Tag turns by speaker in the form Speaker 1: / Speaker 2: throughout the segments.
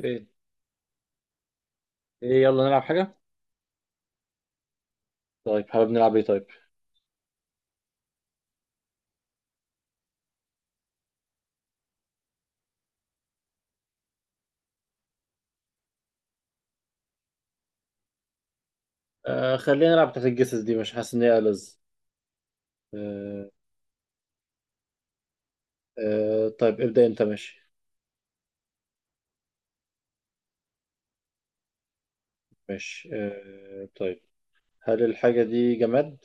Speaker 1: ايه، ايه، يلا نلعب حاجة. طيب، حابب نلعب ايه؟ طيب. آه، خلينا نلعب بتاعت الجسس دي، مش حاسس ان هي ألذ. آه، آه، طيب ابدأ انت. ماشي. ماشي، طيب، هل الحاجة دي جماد؟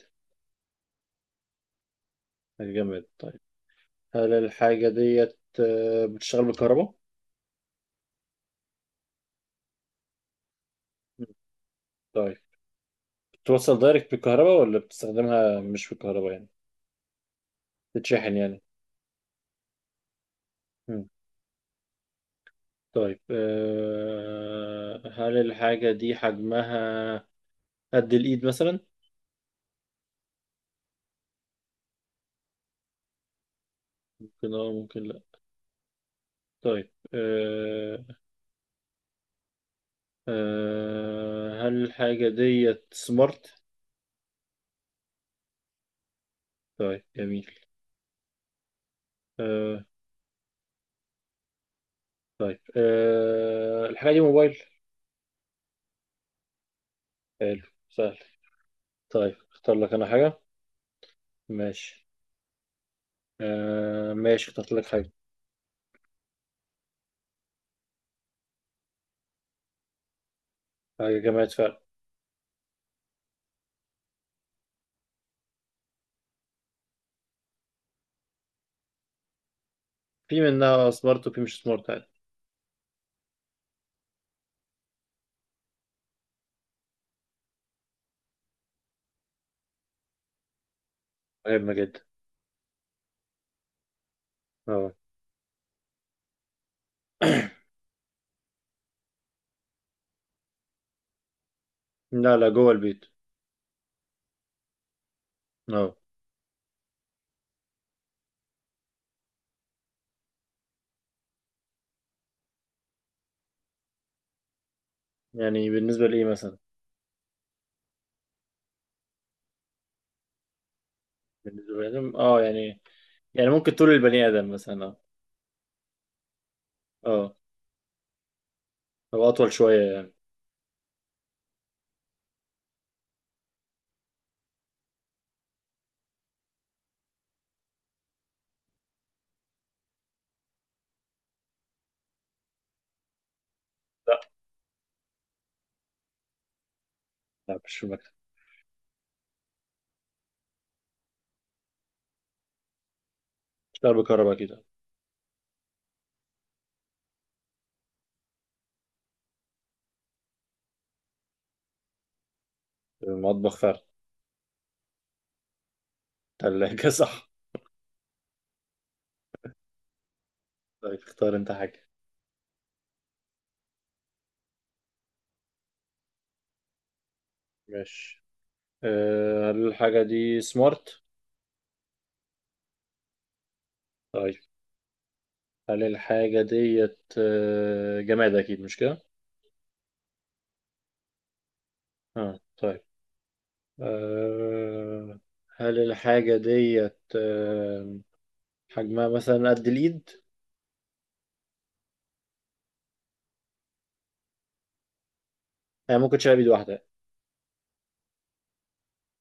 Speaker 1: جماد. طيب، هل الحاجة ديت بتشتغل بالكهرباء؟ مم. طيب، بتوصل دايركت بالكهرباء ولا بتستخدمها مش بالكهرباء يعني، بتتشحن يعني. مم. طيب، هل الحاجة دي حجمها قد الإيد مثلا؟ ممكن اه، ممكن لا. طيب. هل الحاجة ديت سمارت؟ طيب، جميل. أه طيب، الحاجة دي موبايل؟ حلو. سهل. طيب، اختار لك أنا حاجة. ماشي. ماشي، اخترت لك حاجة. حاجة جماعة فعلا. في منها سمارت وفي مش سمارت، عادي. مهمة جدا. اه، لا، لا، جوه البيت. اه، يعني بالنسبة لإيه مثلا؟ بالنسبة لبني آدم اه يعني. يعني ممكن طول البني آدم مثلا. اه، اه، هو أطول شوية يعني. لا، مش في المكتب. مش بكهرباء كده. المطبخ فعلا. تلاجة صح. طيب، اختار انت حاجة. ماشي. هل الحاجة دي سمارت؟ طيب، هل الحاجة ديت جماد أكيد مش كده؟ اه طيب. أه هل الحاجة ديت حجمها مثلا قد الإيد؟ هي ممكن تشيلها بإيد واحدة.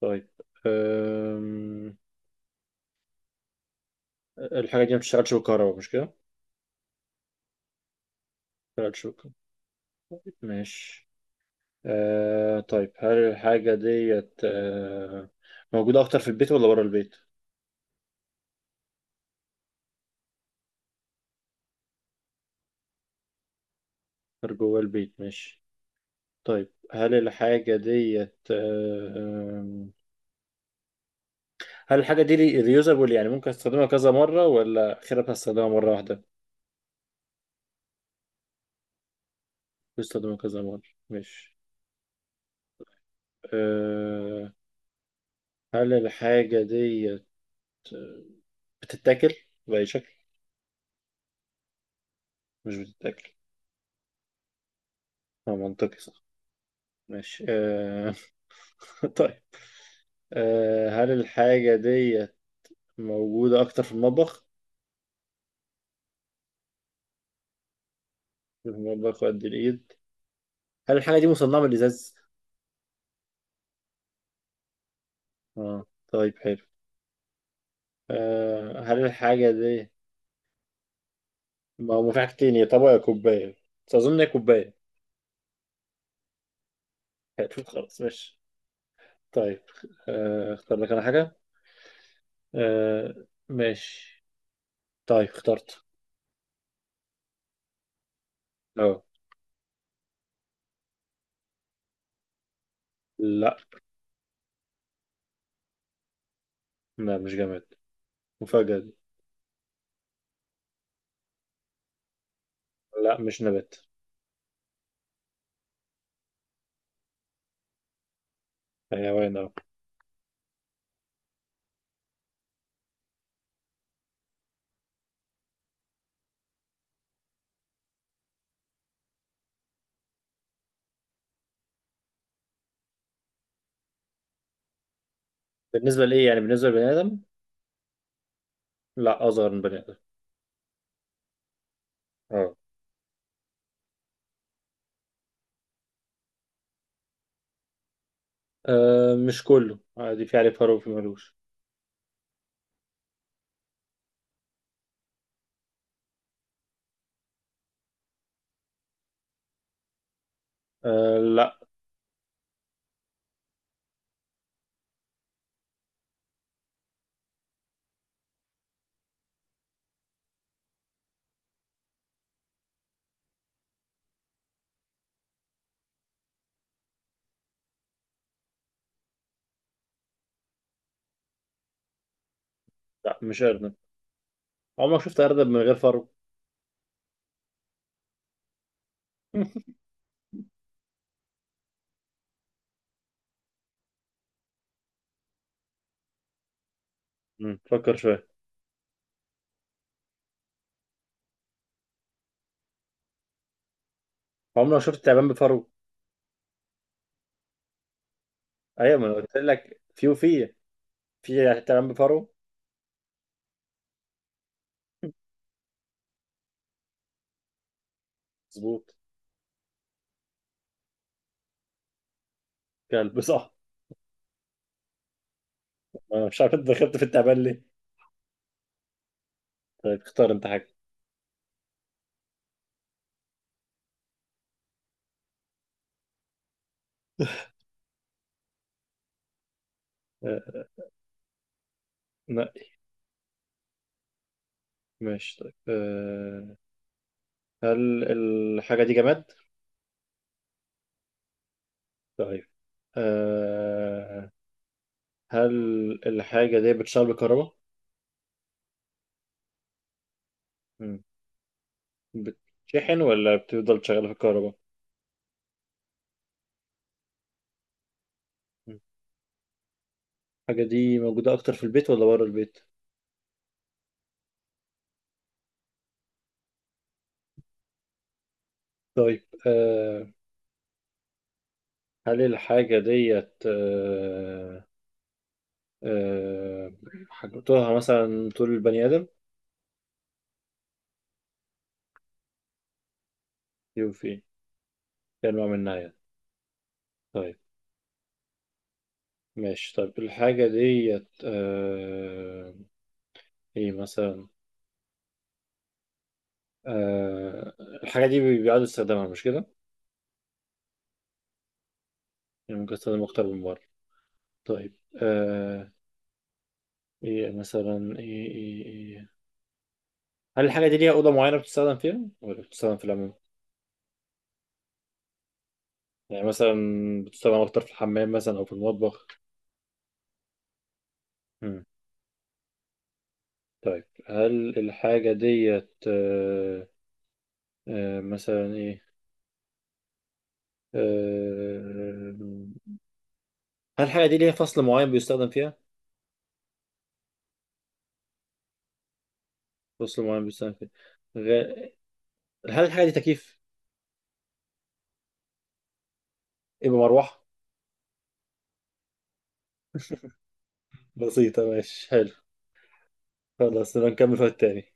Speaker 1: طيب. أم، الحاجة دي ما بتشتغلش بالكهرباء، مش كده؟ ما بتشتغلش بالكهرباء. طيب، ماشي. طيب، هل الحاجة ديت موجودة أكتر في البيت ولا بره البيت؟ أكتر جوه البيت، ماشي. طيب، هل الحاجة ديت آم، هل الحاجة دي ريوزابل، يعني ممكن استخدمها كذا مرة ولا آخرها هستخدمها مرة واحدة؟ بستخدمها كذا مرة، مش. آه، هل الحاجة ديت آه، بتتاكل بأي شكل؟ مش بتتاكل. اه، منطقي صح. ماشي. طيب. هل الحاجة ديت موجودة أكتر في المطبخ؟ في المطبخ، وقد الإيد. هل الحاجة دي مصنعة من الإزاز؟ اه. طيب، حلو. آه، هل الحاجة دي ما هو في حاجتين، يا طبق يا كوباية، بس أظن هي كوباية. هتشوف، خلاص ماشي. طيب. اختار لك أنا حاجة. ماشي. طيب، اخترت. أه لا، لا، مش جماد. مفاجأة دي. لا، مش نبات. حيوان أه. بالنسبة لإيه يعني؟ بالنسبة لبني آدم. لا، أصغر من بني آدم. أه. مش كله عادي، في عليه فرو وفي ملوش. لا، لا، مش أرنب. عمرك شفت أرنب من غير فرو؟ فكر شوية. عمرك شفت تعبان بفرو؟ أيوة، ما أنا قلت لك في وفي. في تعبان بفرو؟ مظبوط. كلب صح. أنا مش عارف انت دخلت في التعبان ليه. طيب، اختار انت حاجة. آه، نقي. ماشي، طيب. هل الحاجة دي جماد؟ طيب. آه، هل الحاجة دي بتشتغل بالكهرباء؟ مم. بتشحن ولا بتفضل شغالة في الكهرباء؟ مم. الحاجة دي موجودة أكتر في البيت ولا بره البيت؟ طيب. هل الحاجة ديت آه، حاجتها مثلا طول البني آدم؟ يوفي، كلمة من ناحية. طيب، ماشي. طيب، الحاجة ديت. ايه مثلا؟ آه... الحاجة دي بيقعدوا يستخدمها، مش كده؟ يعني ممكن استخدمها أكتر من مرة. طيب. آه... ايه مثلا؟ ايه، ايه، ايه. هل الحاجة دي ليها أوضة معينة بتستخدم فيها، ولا بتستخدم في العموم؟ يعني مثلا، بتستخدم أكتر في الحمام مثلا أو في المطبخ؟ مم. طيب، هل الحاجة ديت. مثلا ايه؟ آه... هل الحاجة دي ليها فصل معين بيستخدم فيها؟ فصل معين بيستنفذ. غ... هل الحاجة دي تكييف؟ يبقى مروحة. بسيطة، ماشي حلو. خلاص، يبقى نكمل في التاني.